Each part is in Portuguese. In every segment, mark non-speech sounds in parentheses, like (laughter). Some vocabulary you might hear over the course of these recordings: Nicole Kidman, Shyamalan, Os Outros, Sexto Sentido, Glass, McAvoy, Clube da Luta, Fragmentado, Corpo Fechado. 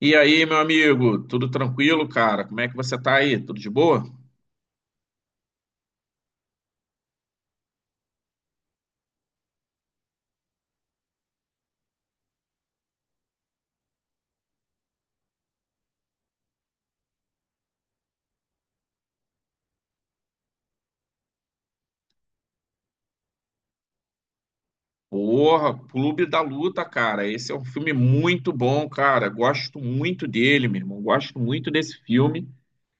E aí, meu amigo, tudo tranquilo, cara? Como é que você tá aí? Tudo de boa? Porra, Clube da Luta, cara. Esse é um filme muito bom, cara. Gosto muito dele, meu irmão. Gosto muito desse filme.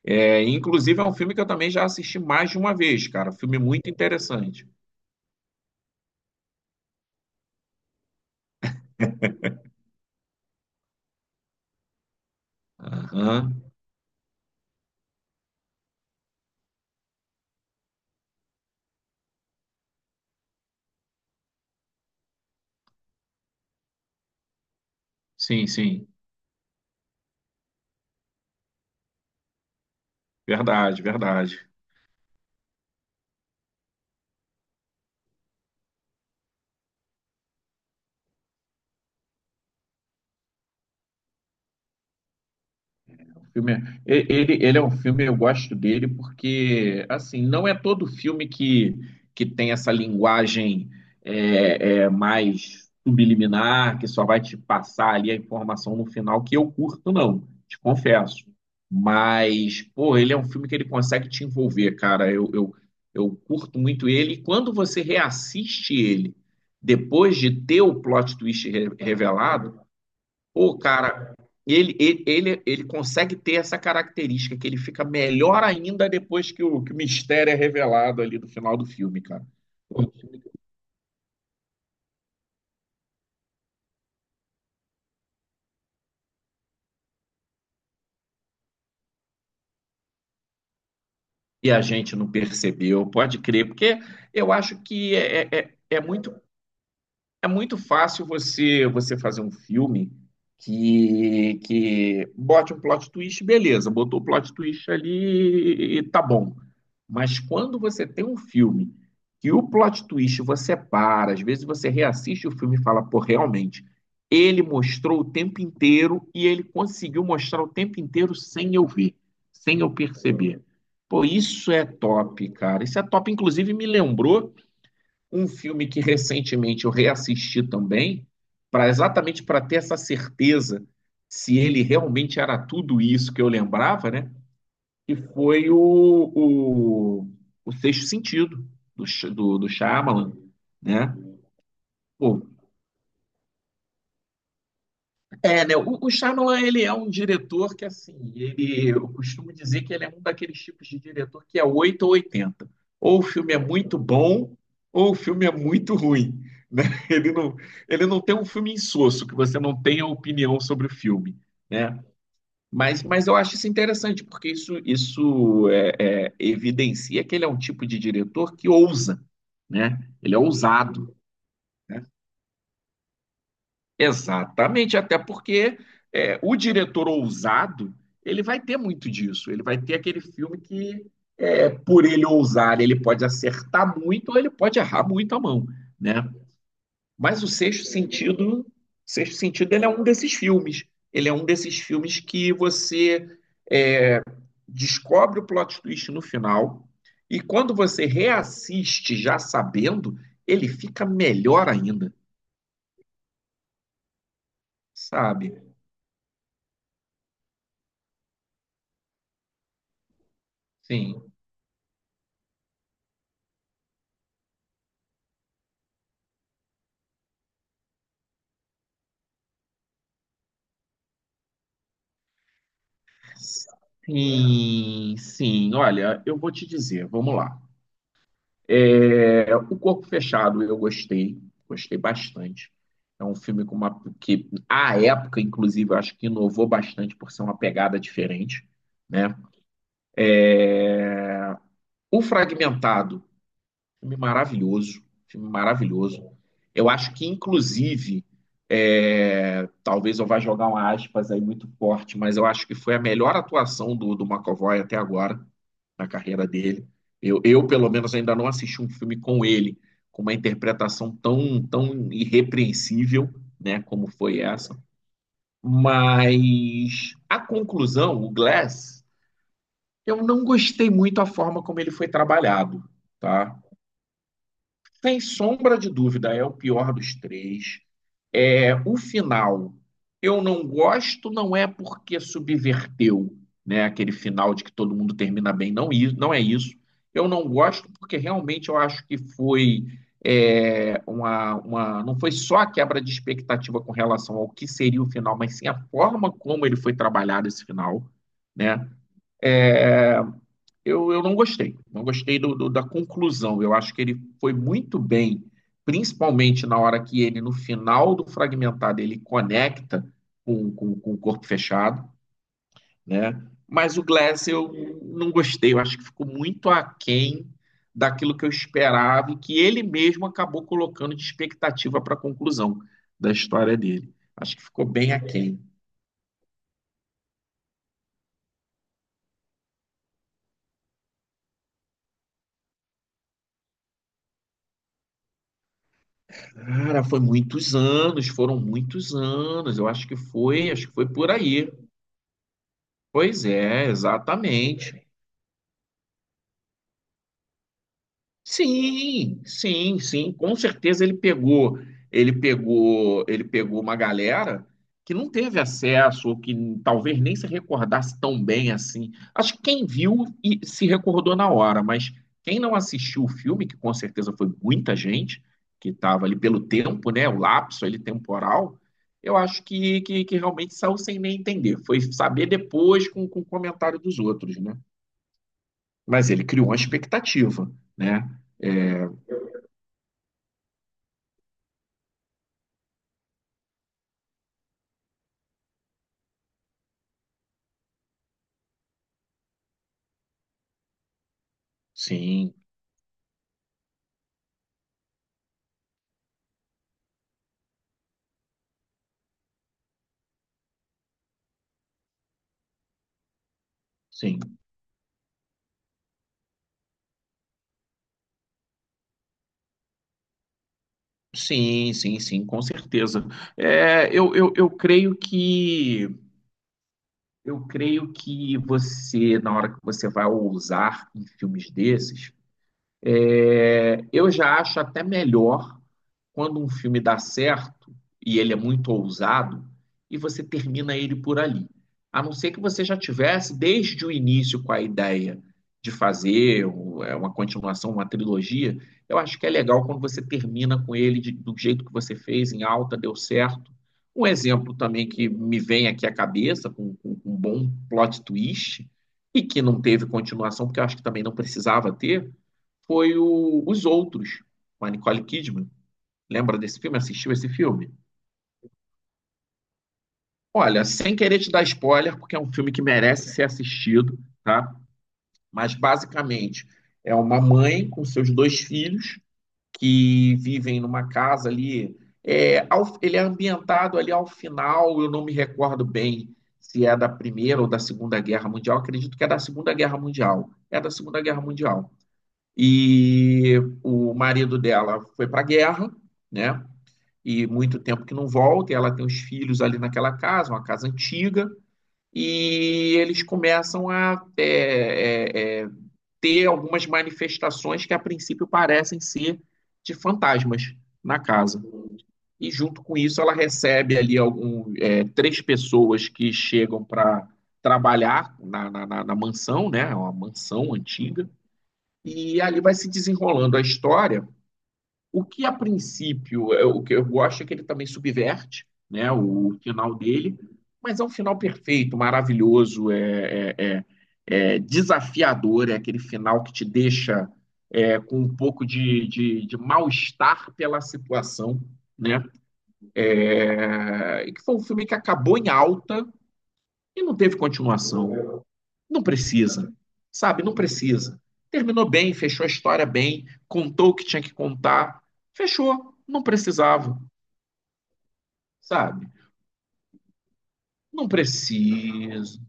É, inclusive, é um filme que eu também já assisti mais de uma vez, cara. Filme muito interessante. Aham. Sim, sim. Verdade, verdade. filme, ele é um filme, eu gosto dele porque, assim, não é todo filme que tem essa linguagem mais subliminar, que só vai te passar ali a informação no final, que eu curto, não, te confesso. Mas, pô, ele é um filme que ele consegue te envolver, cara. Eu curto muito ele. E quando você reassiste ele, depois de ter o plot twist revelado. Pô, cara, ele consegue ter essa característica, que ele fica melhor ainda depois que o mistério é revelado ali no final do filme, cara. E a gente não percebeu, pode crer, porque eu acho que é muito fácil você fazer um filme que bote um plot twist, beleza, botou o plot twist ali e tá bom. Mas quando você tem um filme que o plot twist você para, às vezes você reassiste o filme e fala, pô, realmente, ele mostrou o tempo inteiro e ele conseguiu mostrar o tempo inteiro sem eu ver, sem eu perceber. Pô, isso é top, cara. Isso é top. Inclusive, me lembrou um filme que recentemente eu reassisti também, para exatamente para ter essa certeza se ele realmente era tudo isso que eu lembrava, né? Que foi o, o Sexto Sentido do Shyamalan, né? Pô, é, né? O Shyamalan, ele é um diretor que, assim, eu costumo dizer que ele é um daqueles tipos de diretor que é 8 ou 80. Ou o filme é muito bom, ou o filme é muito ruim, né? (laughs) Ele não, ele não tem um filme insosso, que você não tenha opinião sobre o filme, né? Mas eu acho isso interessante, porque isso evidencia que ele é um tipo de diretor que ousa, né? Ele é ousado. Né? Exatamente, até porque o diretor ousado, ele vai ter muito disso. Ele vai ter aquele filme que, por ele ousar, ele pode acertar muito ou ele pode errar muito a mão, né? Mas o Sexto Sentido, Sexto Sentido, ele é um desses filmes. Ele é um desses filmes que você é, descobre o plot twist no final e quando você reassiste já sabendo, ele fica melhor ainda, sabe? Sim. Sim, sim. Olha, eu vou te dizer, vamos lá. É, o Corpo Fechado eu gostei, gostei bastante. É um filme com que, à época, inclusive, eu acho que inovou bastante por ser uma pegada diferente, né? O Fragmentado. Filme maravilhoso, filme maravilhoso. Eu acho que, inclusive, talvez eu vá jogar uma aspas aí muito forte, mas eu acho que foi a melhor atuação do McAvoy até agora, na carreira dele. Eu, pelo menos, ainda não assisti um filme com ele, com uma interpretação tão, tão irrepreensível, né, como foi essa. Mas a conclusão, o Glass, eu não gostei muito a forma como ele foi trabalhado, tá? Sem sombra de dúvida, é o pior dos três. É, o final, eu não gosto, não é porque subverteu, né, aquele final de que todo mundo termina bem, não, não é isso. Eu não gosto porque realmente eu acho que foi é, uma, não foi só a quebra de expectativa com relação ao que seria o final, mas sim a forma como ele foi trabalhado esse final, né? É, eu não gostei. Não gostei da conclusão. Eu acho que ele foi muito bem, principalmente na hora que ele, no final do fragmentado, ele conecta com o corpo fechado, né? Mas o Glass eu não gostei. Eu acho que ficou muito aquém daquilo que eu esperava e que ele mesmo acabou colocando de expectativa para a conclusão da história dele. Acho que ficou bem aquém. Cara, foi muitos anos, foram muitos anos. Eu acho que foi por aí. Pois é, exatamente. Sim, sim, sim, com certeza ele pegou, ele pegou uma galera que não teve acesso ou que talvez nem se recordasse tão bem assim. Acho que quem viu e se recordou na hora, mas quem não assistiu o filme, que com certeza foi muita gente que estava ali pelo tempo, né, o lapso ali temporal, eu acho que realmente saiu sem nem entender. Foi saber depois com o comentário dos outros, né? Mas ele criou uma expectativa, né? É, sim, sim, sim, sim, sim, com certeza. É, eu creio que você, na hora que você vai ousar em filmes desses, eu já acho até melhor quando um filme dá certo e ele é muito ousado e você termina ele por ali. A não ser que você já tivesse desde o início com a ideia de fazer uma continuação, uma trilogia, eu acho que é legal quando você termina com ele do jeito que você fez, em alta, deu certo. Um exemplo também que me vem aqui à cabeça, com, com um bom plot twist, e que não teve continuação, porque eu acho que também não precisava ter, foi Os Outros, com a Nicole Kidman. Lembra desse filme? Assistiu esse filme? Olha, sem querer te dar spoiler, porque é um filme que merece ser assistido, tá? Mas basicamente é uma mãe com seus dois filhos que vivem numa casa ali. É, ele é ambientado ali ao final, eu não me recordo bem se é da Primeira ou da Segunda Guerra Mundial, acredito que é da Segunda Guerra Mundial. É da Segunda Guerra Mundial. E o marido dela foi para a guerra, né? E muito tempo que não volta, e ela tem os filhos ali naquela casa, uma casa antiga, e eles começam a ter algumas manifestações que a princípio parecem ser de fantasmas na casa. E junto com isso, ela recebe ali três pessoas que chegam para trabalhar na mansão, né? É uma mansão antiga. E ali vai se desenrolando a história o que a princípio, o que eu gosto é que ele também subverte, né, o final dele, mas é um final perfeito, maravilhoso, é desafiador, é aquele final que te deixa com um pouco de mal-estar pela situação, né? É, e que foi um filme que acabou em alta e não teve continuação. Não precisa, sabe? Não precisa. Terminou bem, fechou a história bem, contou o que tinha que contar, fechou. Não precisava, sabe? Não precisa.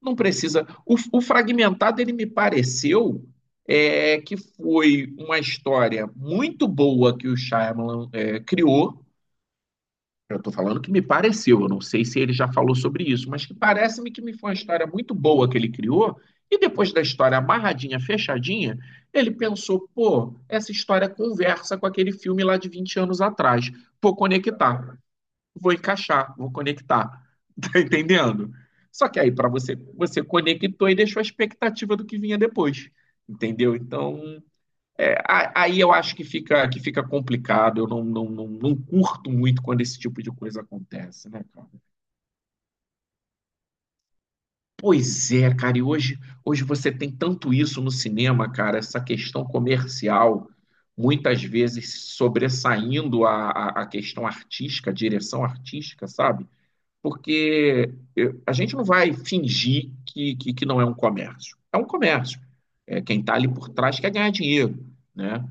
Não precisa. O fragmentado, ele me pareceu que foi uma história muito boa que o Shyamalan criou. Eu estou falando que me pareceu, eu não sei se ele já falou sobre isso, mas que parece-me que me foi uma história muito boa que ele criou. E depois da história amarradinha, fechadinha, ele pensou: pô, essa história conversa com aquele filme lá de 20 anos atrás. Vou conectar, vou encaixar, vou conectar. (laughs) Tá entendendo? Só que aí, para você, você conectou e deixou a expectativa do que vinha depois. Entendeu? Então, é, aí eu acho que que fica complicado, eu não curto muito quando esse tipo de coisa acontece, né, cara? Pois é, cara, e hoje, hoje você tem tanto isso no cinema, cara, essa questão comercial, muitas vezes sobressaindo a questão artística, a direção artística, sabe? Porque a gente não vai fingir que, que não é um comércio. É um comércio. É, quem está ali por trás quer ganhar dinheiro, né?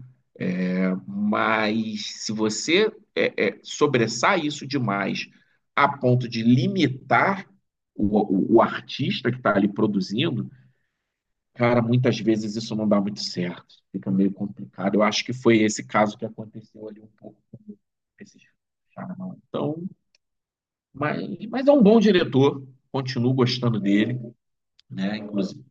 Mas se você sobressai isso demais a ponto de limitar o artista que está ali produzindo, cara, muitas vezes isso não dá muito certo. Fica meio complicado. Eu acho que foi esse caso que aconteceu ali um pouco com esse charlatão. Então, mas, mas é um bom diretor. Continuo gostando dele, né? Inclusive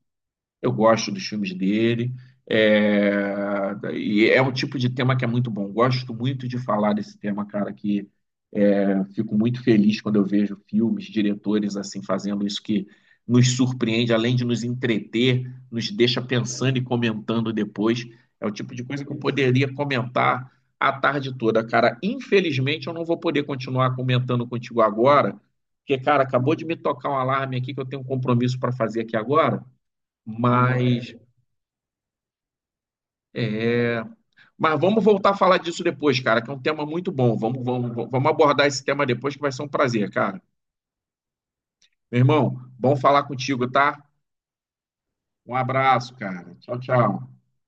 eu gosto dos filmes dele. É, e é um tipo de tema que é muito bom. Gosto muito de falar desse tema, cara, que fico muito feliz quando eu vejo filmes, diretores assim fazendo isso que nos surpreende, além de nos entreter, nos deixa pensando e comentando depois. É o tipo de coisa que eu poderia comentar a tarde toda, cara. Infelizmente, eu não vou poder continuar comentando contigo agora, porque, cara, acabou de me tocar um alarme aqui que eu tenho um compromisso para fazer aqui agora. Mas, é, mas vamos voltar a falar disso depois, cara, que é um tema muito bom. Vamos abordar esse tema depois, que vai ser um prazer, cara. Meu irmão, bom falar contigo, tá? Um abraço, cara. Tchau, tchau.